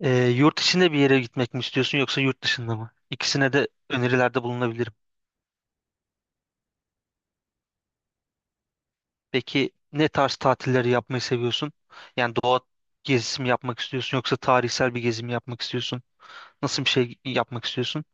Yurt içinde bir yere gitmek mi istiyorsun yoksa yurt dışında mı? İkisine de önerilerde bulunabilirim. Peki ne tarz tatilleri yapmayı seviyorsun? Yani doğa gezisi mi yapmak istiyorsun yoksa tarihsel bir gezi mi yapmak istiyorsun? Nasıl bir şey yapmak istiyorsun?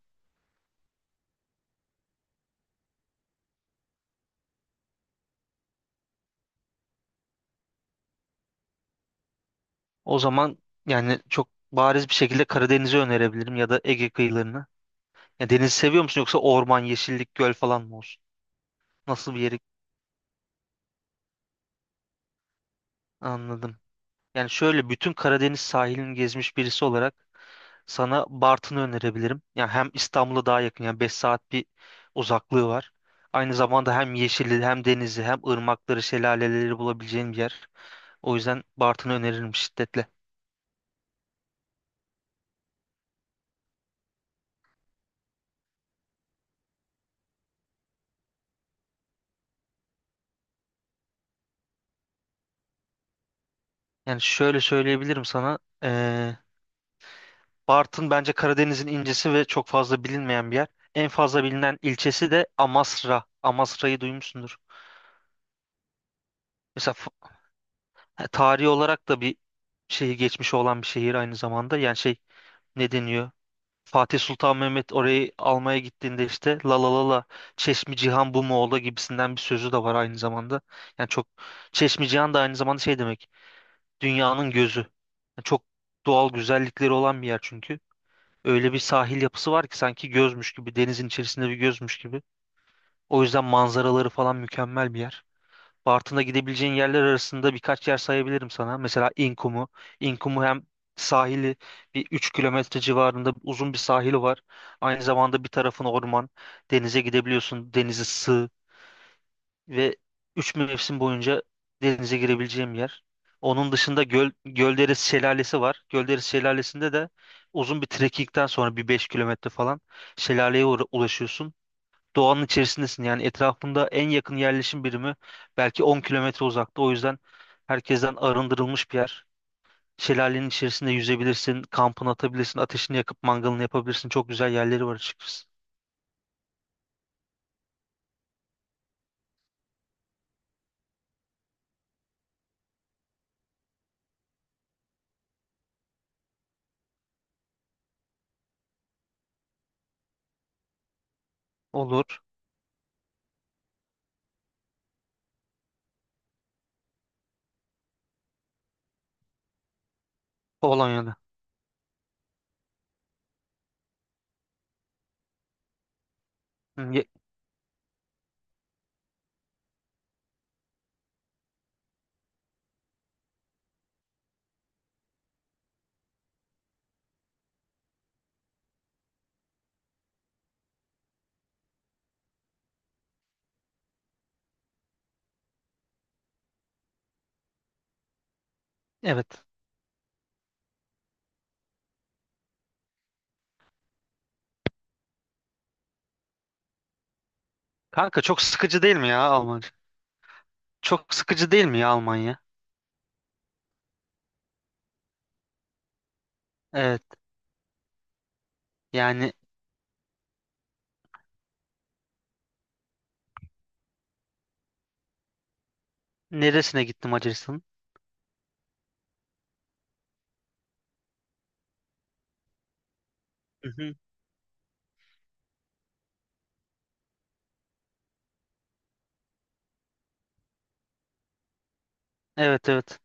O zaman yani çok bariz bir şekilde Karadeniz'i önerebilirim ya da Ege kıyılarını. Ya denizi seviyor musun yoksa orman, yeşillik, göl falan mı olsun? Nasıl bir yeri anladım. Yani şöyle bütün Karadeniz sahilini gezmiş birisi olarak sana Bartın'ı önerebilirim. Yani hem İstanbul'a daha yakın, yani 5 saat bir uzaklığı var. Aynı zamanda hem yeşili hem denizi hem ırmakları şelaleleri bulabileceğin bir yer. O yüzden Bartın'ı öneririm şiddetle. Yani şöyle söyleyebilirim sana. Bartın bence Karadeniz'in incisi ve çok fazla bilinmeyen bir yer. En fazla bilinen ilçesi de Amasra. Amasra'yı duymuşsundur. Mesela tarihi olarak da bir şeyi geçmiş olan bir şehir aynı zamanda. Yani şey, ne deniyor? Fatih Sultan Mehmet orayı almaya gittiğinde işte la la la la, Çeşmi Cihan bu mu ola gibisinden bir sözü de var aynı zamanda. Yani çok, Çeşmi Cihan da aynı zamanda şey demek, dünyanın gözü. Yani çok doğal güzellikleri olan bir yer çünkü. Öyle bir sahil yapısı var ki sanki gözmüş gibi, denizin içerisinde bir gözmüş gibi. O yüzden manzaraları falan mükemmel bir yer. Bartın'da gidebileceğin yerler arasında birkaç yer sayabilirim sana. Mesela İnkumu. İnkumu hem sahili, bir 3 kilometre civarında uzun bir sahili var. Aynı zamanda bir tarafın orman. Denize gidebiliyorsun. Denizi sığ ve 3 mevsim boyunca denize girebileceğim yer. Onun dışında göl, Gölderesi Şelalesi var. Gölderesi Şelalesi'nde de uzun bir trekkingden sonra bir 5 kilometre falan şelaleye ulaşıyorsun, doğanın içerisindesin. Yani etrafında en yakın yerleşim birimi belki 10 kilometre uzakta. O yüzden herkesten arındırılmış bir yer. Şelalenin içerisinde yüzebilirsin, kampını atabilirsin, ateşini yakıp mangalını yapabilirsin. Çok güzel yerleri var açıkçası. Olur. Polonya'da. Hı, Evet. Kanka çok sıkıcı değil mi ya Almanya? Çok sıkıcı değil mi ya Almanya? Evet. Yani neresine gittim Macaristan'ın? Hı hı. Evet, evet.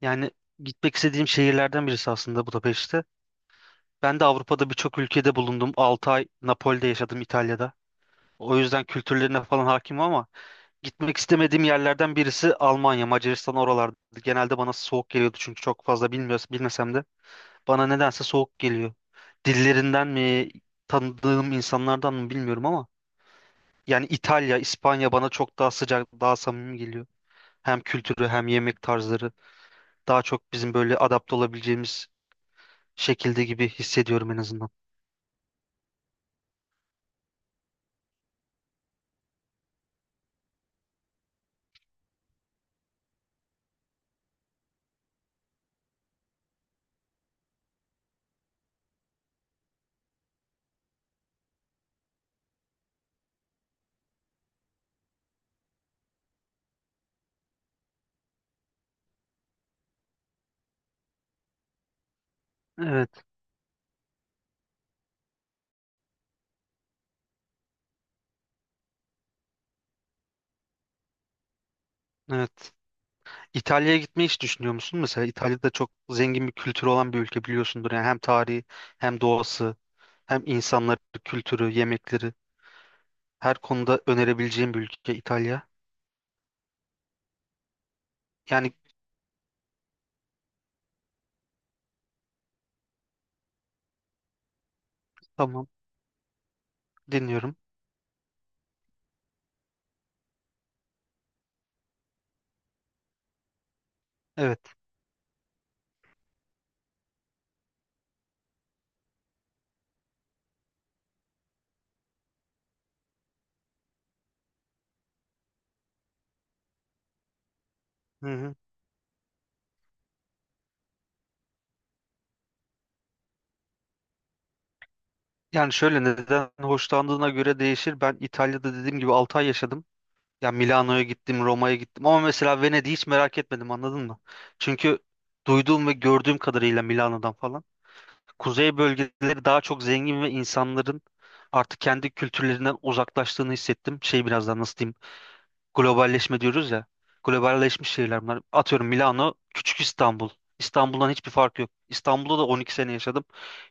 Yani gitmek istediğim şehirlerden birisi aslında Budapeşte. Ben de Avrupa'da birçok ülkede bulundum. 6 ay Napoli'de yaşadım İtalya'da. O yüzden kültürlerine falan hakimim, ama gitmek istemediğim yerlerden birisi Almanya, Macaristan, oralardı. Genelde bana soğuk geliyordu çünkü çok fazla bilmiyoruz, bilmesem de. Bana nedense soğuk geliyor. Dillerinden mi, tanıdığım insanlardan mı bilmiyorum ama yani İtalya, İspanya bana çok daha sıcak, daha samimi geliyor. Hem kültürü hem yemek tarzları daha çok bizim böyle adapte olabileceğimiz şekilde gibi hissediyorum en azından. Evet, evet. İtalya'ya gitmeyi hiç düşünüyor musun? Mesela İtalya'da çok zengin bir kültürü olan bir ülke biliyorsundur. Yani hem tarihi hem doğası hem insanları, kültürü, yemekleri, her konuda önerebileceğim bir ülke İtalya. Yani tamam, dinliyorum. Evet. Hı hı. Yani şöyle, neden hoşlandığına göre değişir. Ben İtalya'da dediğim gibi 6 ay yaşadım. Ya Milano'ya gittim, Roma'ya gittim ama mesela Venedik'i hiç merak etmedim, anladın mı? Çünkü duyduğum ve gördüğüm kadarıyla Milano'dan falan, kuzey bölgeleri daha çok zengin ve insanların artık kendi kültürlerinden uzaklaştığını hissettim. Şey, birazdan nasıl diyeyim? Globalleşme diyoruz ya. Globalleşmiş şehirler bunlar. Atıyorum Milano, küçük İstanbul. İstanbul'dan hiçbir fark yok. İstanbul'da da 12 sene yaşadım.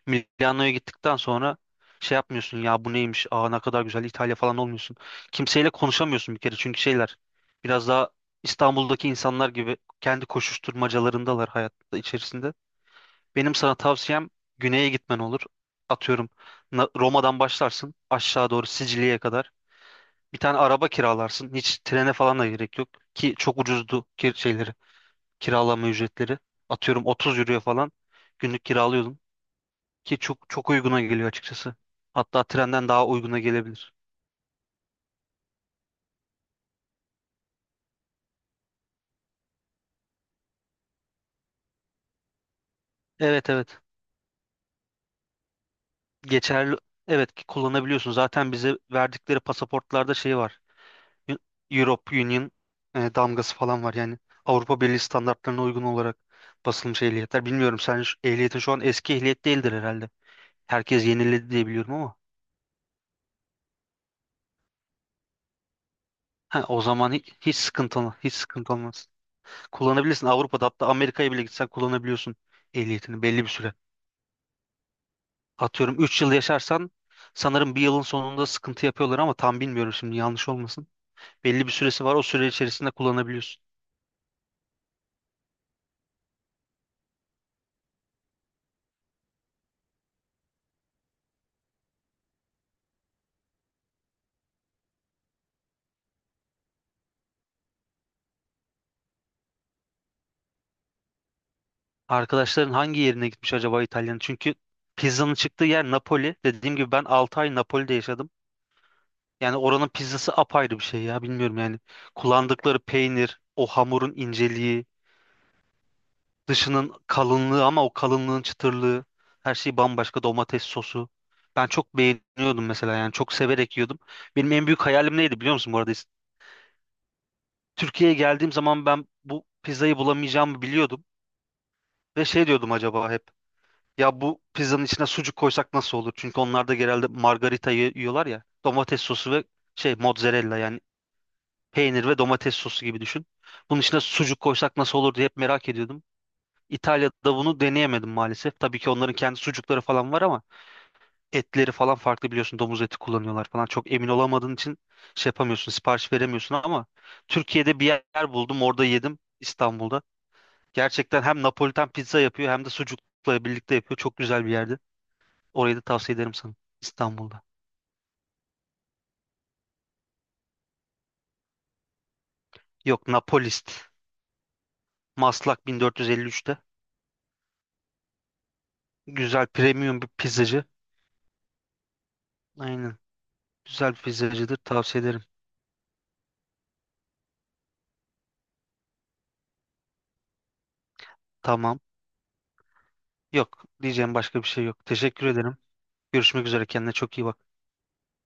Milano'ya gittikten sonra şey yapmıyorsun ya, bu neymiş? Aa, ne kadar güzel İtalya falan olmuyorsun. Kimseyle konuşamıyorsun bir kere, çünkü şeyler biraz daha, İstanbul'daki insanlar gibi kendi koşuşturmacalarındalar hayatta içerisinde. Benim sana tavsiyem güneye gitmen olur. Atıyorum Roma'dan başlarsın aşağı doğru Sicilya'ya kadar. Bir tane araba kiralarsın. Hiç trene falan da gerek yok. Ki çok ucuzdu kiralama ücretleri. Atıyorum 30 euroya falan günlük kiralıyordum. Ki çok çok uyguna geliyor açıkçası. Hatta trenden daha uyguna gelebilir. Evet, evet. Geçerli. Evet ki kullanabiliyorsun. Zaten bize verdikleri pasaportlarda şey var. Eu- Europe Union damgası falan var. Yani Avrupa Birliği standartlarına uygun olarak basılmış ehliyetler. Bilmiyorum, sen ehliyetin şu an eski ehliyet değildir herhalde. Herkes yeniledi diye biliyorum ama. Ha, o zaman hiç sıkıntı olmaz. Hiç sıkıntı olmaz. Kullanabilirsin. Avrupa'da, hatta Amerika'ya bile gitsen kullanabiliyorsun ehliyetini belli bir süre. Atıyorum 3 yıl yaşarsan sanırım bir yılın sonunda sıkıntı yapıyorlar ama tam bilmiyorum, şimdi yanlış olmasın. Belli bir süresi var. O süre içerisinde kullanabiliyorsun. Arkadaşların hangi yerine gitmiş acaba İtalya'nın? Çünkü pizzanın çıktığı yer Napoli. Dediğim gibi ben 6 ay Napoli'de yaşadım. Yani oranın pizzası apayrı bir şey ya, bilmiyorum yani. Kullandıkları peynir, o hamurun inceliği, dışının kalınlığı ama o kalınlığın çıtırlığı, her şey bambaşka, domates sosu. Ben çok beğeniyordum mesela, yani çok severek yiyordum. Benim en büyük hayalim neydi biliyor musun bu arada? Türkiye'ye geldiğim zaman ben bu pizzayı bulamayacağımı biliyordum. Ve şey diyordum acaba hep. Ya bu pizzanın içine sucuk koysak nasıl olur? Çünkü onlar da genelde margarita yiyorlar ya. Domates sosu ve şey, mozzarella, yani peynir ve domates sosu gibi düşün. Bunun içine sucuk koysak nasıl olur diye hep merak ediyordum. İtalya'da bunu deneyemedim maalesef. Tabii ki onların kendi sucukları falan var ama etleri falan farklı biliyorsun. Domuz eti kullanıyorlar falan. Çok emin olamadığın için şey yapamıyorsun, sipariş veremiyorsun, ama Türkiye'de bir yer buldum. Orada yedim, İstanbul'da. Gerçekten hem Napolitan pizza yapıyor hem de sucukla birlikte yapıyor. Çok güzel bir yerde. Orayı da tavsiye ederim sana. İstanbul'da. Yok, Napolist. Maslak 1453'te. Güzel premium bir pizzacı. Aynen. Güzel bir pizzacıdır. Tavsiye ederim. Tamam. Yok. Diyeceğim başka bir şey yok. Teşekkür ederim. Görüşmek üzere. Kendine çok iyi bak.